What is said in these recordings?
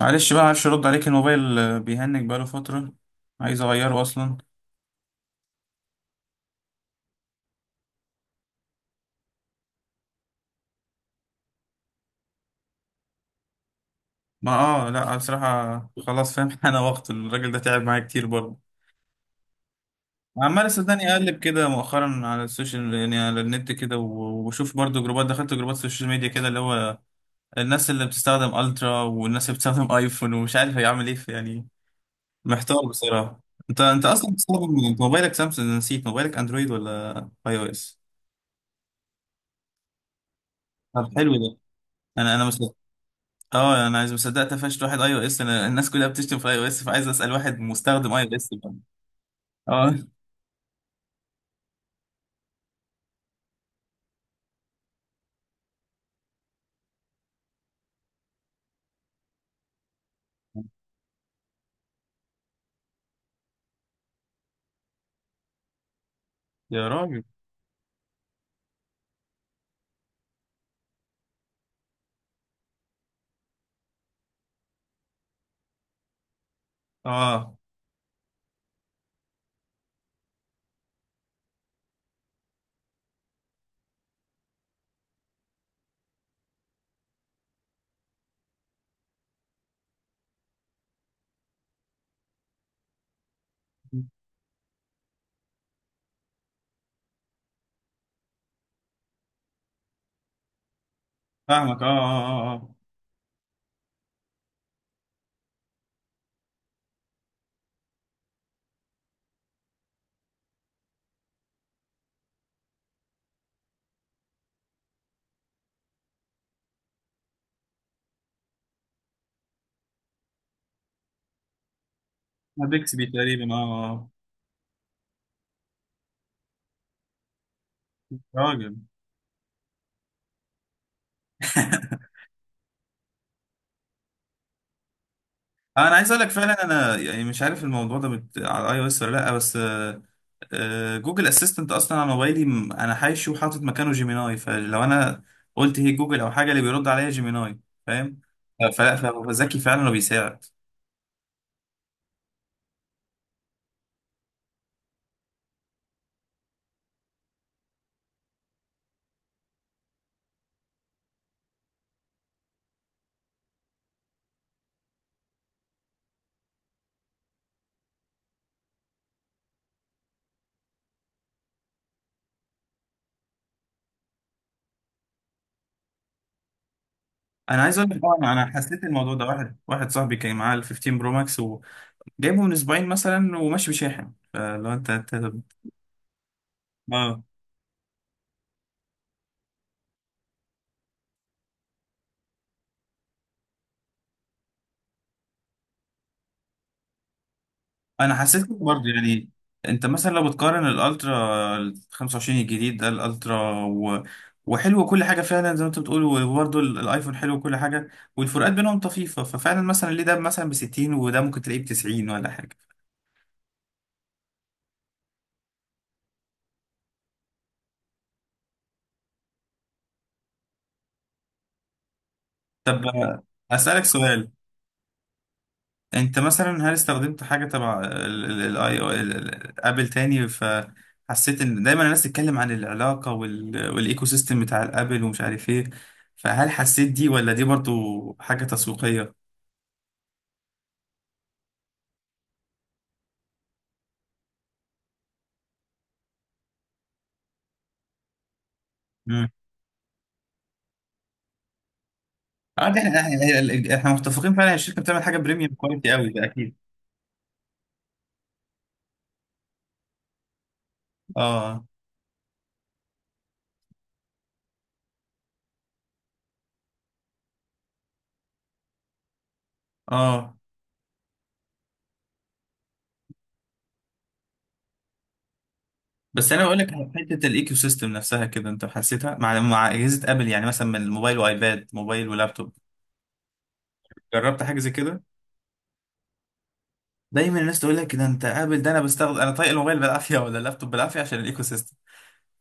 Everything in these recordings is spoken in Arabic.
معلش بقى، معرفش ارد عليك. الموبايل بيهنج بقاله فترة. عايز اغيره اصلا. ما اه، لا بصراحة خلاص فاهم. انا وقت الراجل ده تعب معايا كتير برضه. عمال صدقني، اقلب كده مؤخرا على السوشيال، يعني على النت كده، وبشوف برضه جروبات، دخلت جروبات سوشيال ميديا كده، اللي هو الناس اللي بتستخدم الترا والناس اللي بتستخدم ايفون، ومش عارف هيعمل ايه يعني. محتار بصراحة. انت اصلا بتستخدم، انت موبايلك سامسونج؟ أنا نسيت موبايلك اندرويد ولا اي او اس. طب، حلو ده. انا اه، انا مش مصدق قفشت واحد اي او اس. انا الناس كلها بتشتم في اي او اس، فعايز اسال واحد مستخدم اي او اس بقى. اه، يا راجل. اه، فاهمك. اه، اه، اه. اه، بيكسبي تقريبا. اه، اه. راجل. انا عايز اقول لك فعلا، انا يعني مش عارف الموضوع ده على اي او اس ولا لا، بس جوجل اسيستنت اصلا على موبايلي، انا حاشي وحاطط مكانه جيميناي. فلو انا قلت هي جوجل او حاجه، اللي بيرد عليا جيميناي. فاهم. فلا، فهو ذكي فعلا وبيساعد. انا عايز اقول لك، انا حسيت الموضوع ده. واحد صاحبي كان معاه ال 15 برو ماكس، وجايبه من اسبوعين مثلا، وماشي بشاحن. فلو انت. اه، انا حسيت كده برضه يعني. انت مثلا لو بتقارن الالترا ال 25 الجديد ده، الالترا وحلو كل حاجه فعلا زي ما انت بتقول، وبرضه الايفون حلو كل حاجه. والفروقات بينهم طفيفه، ففعلا مثلا ليه ده مثلا ب 60 وده ممكن تلاقيه ب 90 ولا حاجه؟ طب، اسالك سؤال. انت مثلا هل استخدمت حاجه تبع الاي او ابل تاني؟ فحسيت ان دايما الناس تتكلم عن العلاقه والايكو سيستم بتاع الابل ومش عارف ايه. فهل حسيت دي، ولا دي برضو حاجه تسويقيه؟ امم. اه، ده احنا احنا متفقين فعلا، الشركه بتعمل حاجه بريميوم كواليتي قوي، ده اكيد. اه، اه. بس انا بقول لك على حته الايكو سيستم نفسها كده، انت حسيتها مع اجهزه ابل، يعني مثلا من الموبايل وايباد، موبايل ولابتوب؟ جربت حاجه زي كده؟ دايما الناس تقول لك، ده انت قابل ده، انا بستخدم، انا طايق الموبايل بالعافيه ولا اللابتوب بالعافيه عشان الايكو سيستم.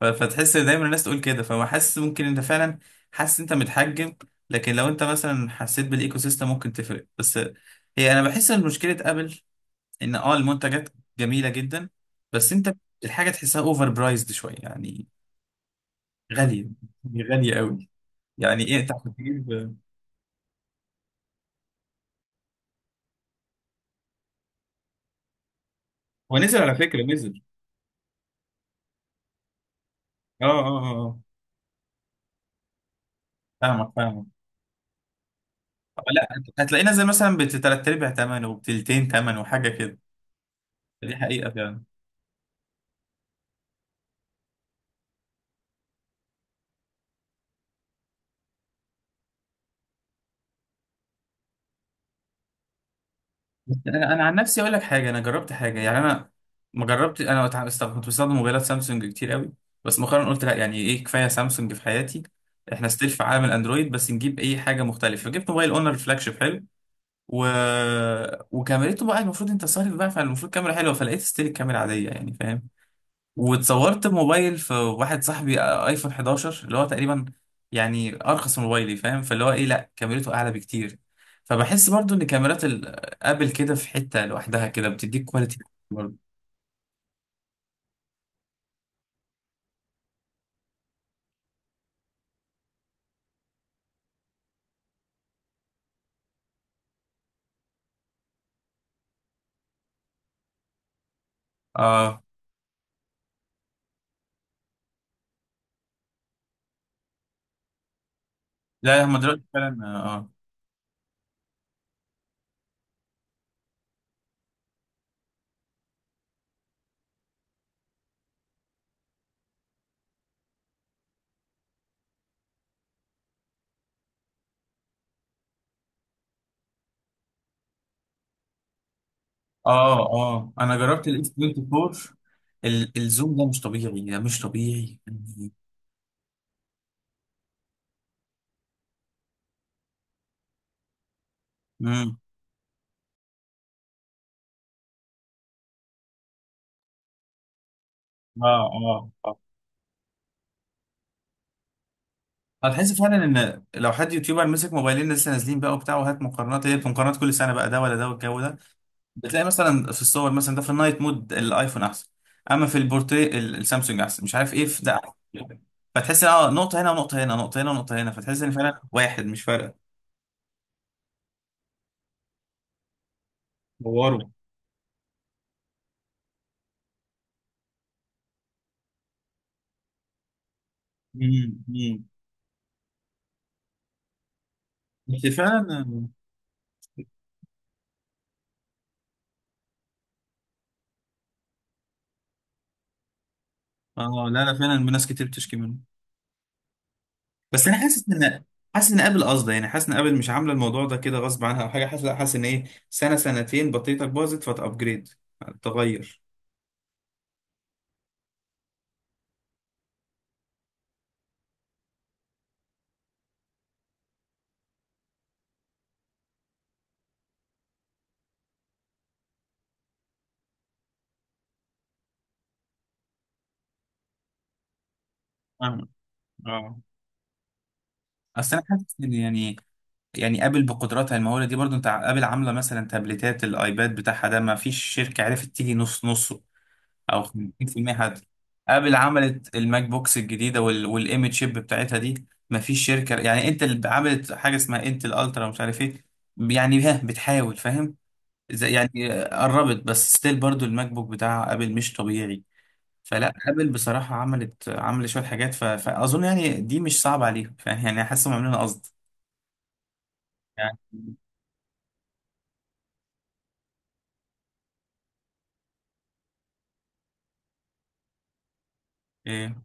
فتحس دايما الناس تقول كده، فما حاسس ممكن انت فعلا حاسس انت متحجم. لكن لو انت مثلا حسيت بالايكو سيستم ممكن تفرق، بس هي انا بحس ان مشكله ابل ان المنتجات جميله جدا، بس انت الحاجه تحسها اوفر برايزد شويه يعني. غاليه، يعني غاليه قوي. يعني ايه انت هتجيب؟ هو نزل على فكره، نزل. اه، اه، اه، آه. فاهمك، فاهمك. لا، هتلاقينا زي مثلا بتلات ارباع تمن وبتلتين تمن وحاجه كده. دي حقيقه فعلا. بس انا عن نفسي اقول لك حاجه. انا جربت حاجه، يعني انا ما جربت. انا كنت بستخدم موبايلات سامسونج كتير قوي. بس مؤخرا قلت لا، يعني ايه، كفايه سامسونج في حياتي. احنا ستيل في عالم الاندرويد، بس نجيب اي حاجه مختلفه. فجبت موبايل اونر فلاج شيب حلو و... وكاميرته بقى المفروض، انت صارف بقى، فالمفروض كاميرا حلوه، فلقيت ستيل الكاميرا عاديه، يعني فاهم. واتصورت بموبايل في واحد صاحبي ايفون 11، اللي هو تقريبا يعني ارخص من موبايلي فاهم، فاللي هو ايه، لا، كاميرته اعلى بكتير. فبحس برضو ان كاميرات ابل كده في حتة لوحدها كده، بتديك كواليتي. برضو. اه، لا، هما دلوقتي فعلا. اه، اه، اه، آه. انا جربت الاس 24، الزوم ده مش طبيعي، ده مش طبيعي. امم. اه، اه، اه. هتحس فعلا ان لو حد يوتيوبر مسك موبايلين لسه نازلين بقى وبتاع وهات مقارنات، هي مقارنات كل سنه بقى، ده ولا ده والجو ده. بتلاقي مثلا في الصور مثلا ده في النايت مود الايفون احسن، اما في البورتري السامسونج احسن، مش عارف ايه في ده أحسن. فتحس ان نقطه هنا ونقطه هنا، نقطه هنا ونقطه هنا، فتحس ان فعلا واحد مش فارقه. طوروا. مم، مم. بس فعلا. اه، لا، لا، فعلا ناس كتير بتشكي منه. بس انا حاسس ان، حاسس ان ابل قصده، يعني حاسس ان ابل مش عامله الموضوع ده كده غصب عنها او حاجه، حاسس لا، حاسس ان ايه، سنه سنتين بطاريتك باظت فتابجريد، تغير. فاهمك. اه. اصل انا حاسس ان يعني، يعني ابل بقدراتها المهوله دي برضو، انت ابل عامله مثلا تابلتات الايباد بتاعها ده، ما فيش شركه عرفت تيجي نص نص، او 50% حتى. ابل عملت الماك بوكس الجديده والام تشيب بتاعتها دي، ما فيش شركه، يعني انت اللي عملت حاجه اسمها انتل الترا ومش عارف ايه، يعني ها بتحاول فاهم. يعني قربت، بس ستيل برضو الماك بوك بتاع ابل مش طبيعي. فلا، ابل بصراحه عملت شويه حاجات، فاظن يعني دي مش صعبه عليهم، يعني حاسس هم عاملينها قصد. يعني إيه.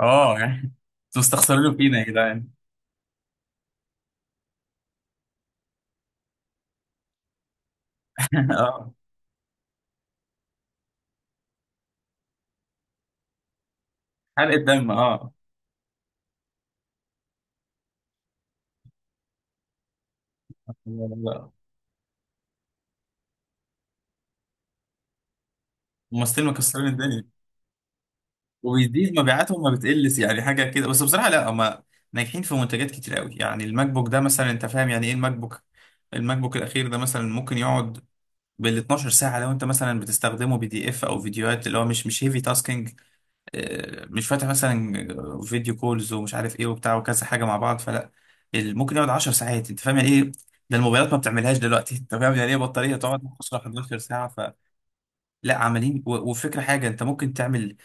اه، يعني انتوا مستخسرينه فينا يا جدعان؟ اه، حرق الدم، اه. لا، لا. الممثلين مكسرين الدنيا، وبيزيد مبيعاتهم، ما بتقلش يعني حاجه كده. بس بصراحه لا، هما ناجحين في منتجات كتير قوي. يعني الماك بوك ده مثلا، انت فاهم يعني ايه الماك بوك. الماك بوك الاخير ده مثلا ممكن يقعد بال 12 ساعه، لو انت مثلا بتستخدمه بي دي اف او فيديوهات اللي هو مش هيفي تاسكينج، مش فاتح مثلا فيديو كولز ومش عارف ايه وبتاع وكذا حاجه مع بعض. فلا، ممكن يقعد 10 ساعات. انت فاهم يعني ايه؟ ده الموبايلات ما بتعملهاش دلوقتي. انت فاهم يعني ايه بطاريه تقعد 10، 11 ساعه؟ فلا. عمالين وفكره، حاجه انت ممكن تعمل،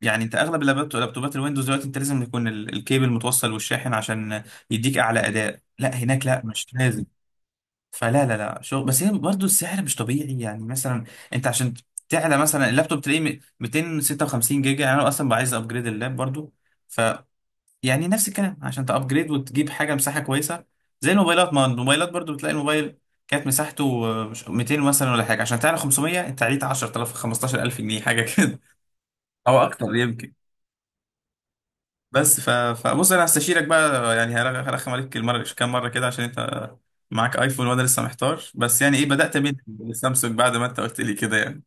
يعني انت اغلب لابتوبات الويندوز دلوقتي، انت لازم يكون الكيبل متوصل والشاحن عشان يديك اعلى اداء. لا، هناك لا، مش لازم. فلا، لا، لا، شغل. بس هي برضه السعر مش طبيعي، يعني مثلا انت عشان تعلى مثلا اللابتوب، تلاقيه 256 جيجا، يعني انا اصلا بقى عايز ابجريد اللاب برضه. ف، يعني نفس الكلام، عشان تابجريد وتجيب حاجه مساحه كويسه. زي الموبايلات، ما الموبايلات برضه بتلاقي الموبايل كانت مساحته 200 مثلا ولا حاجه، عشان تعلى 500، انت عليت 10000، 15000 جنيه حاجه كده. او اكتر يمكن. بس فبص انا هستشيرك بقى يعني، هرخم عليك المره، كام مره كده، عشان انت معاك ايفون وانا لسه محتار، بس يعني ايه بدات من السامسونج بعد ما انت قلت لي كده يعني.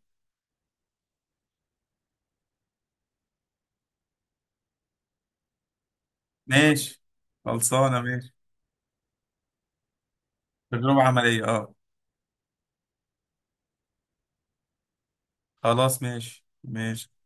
ماشي. خلصانه ماشي. تجربه عمليه اه. خلاص، ماشي ماشي.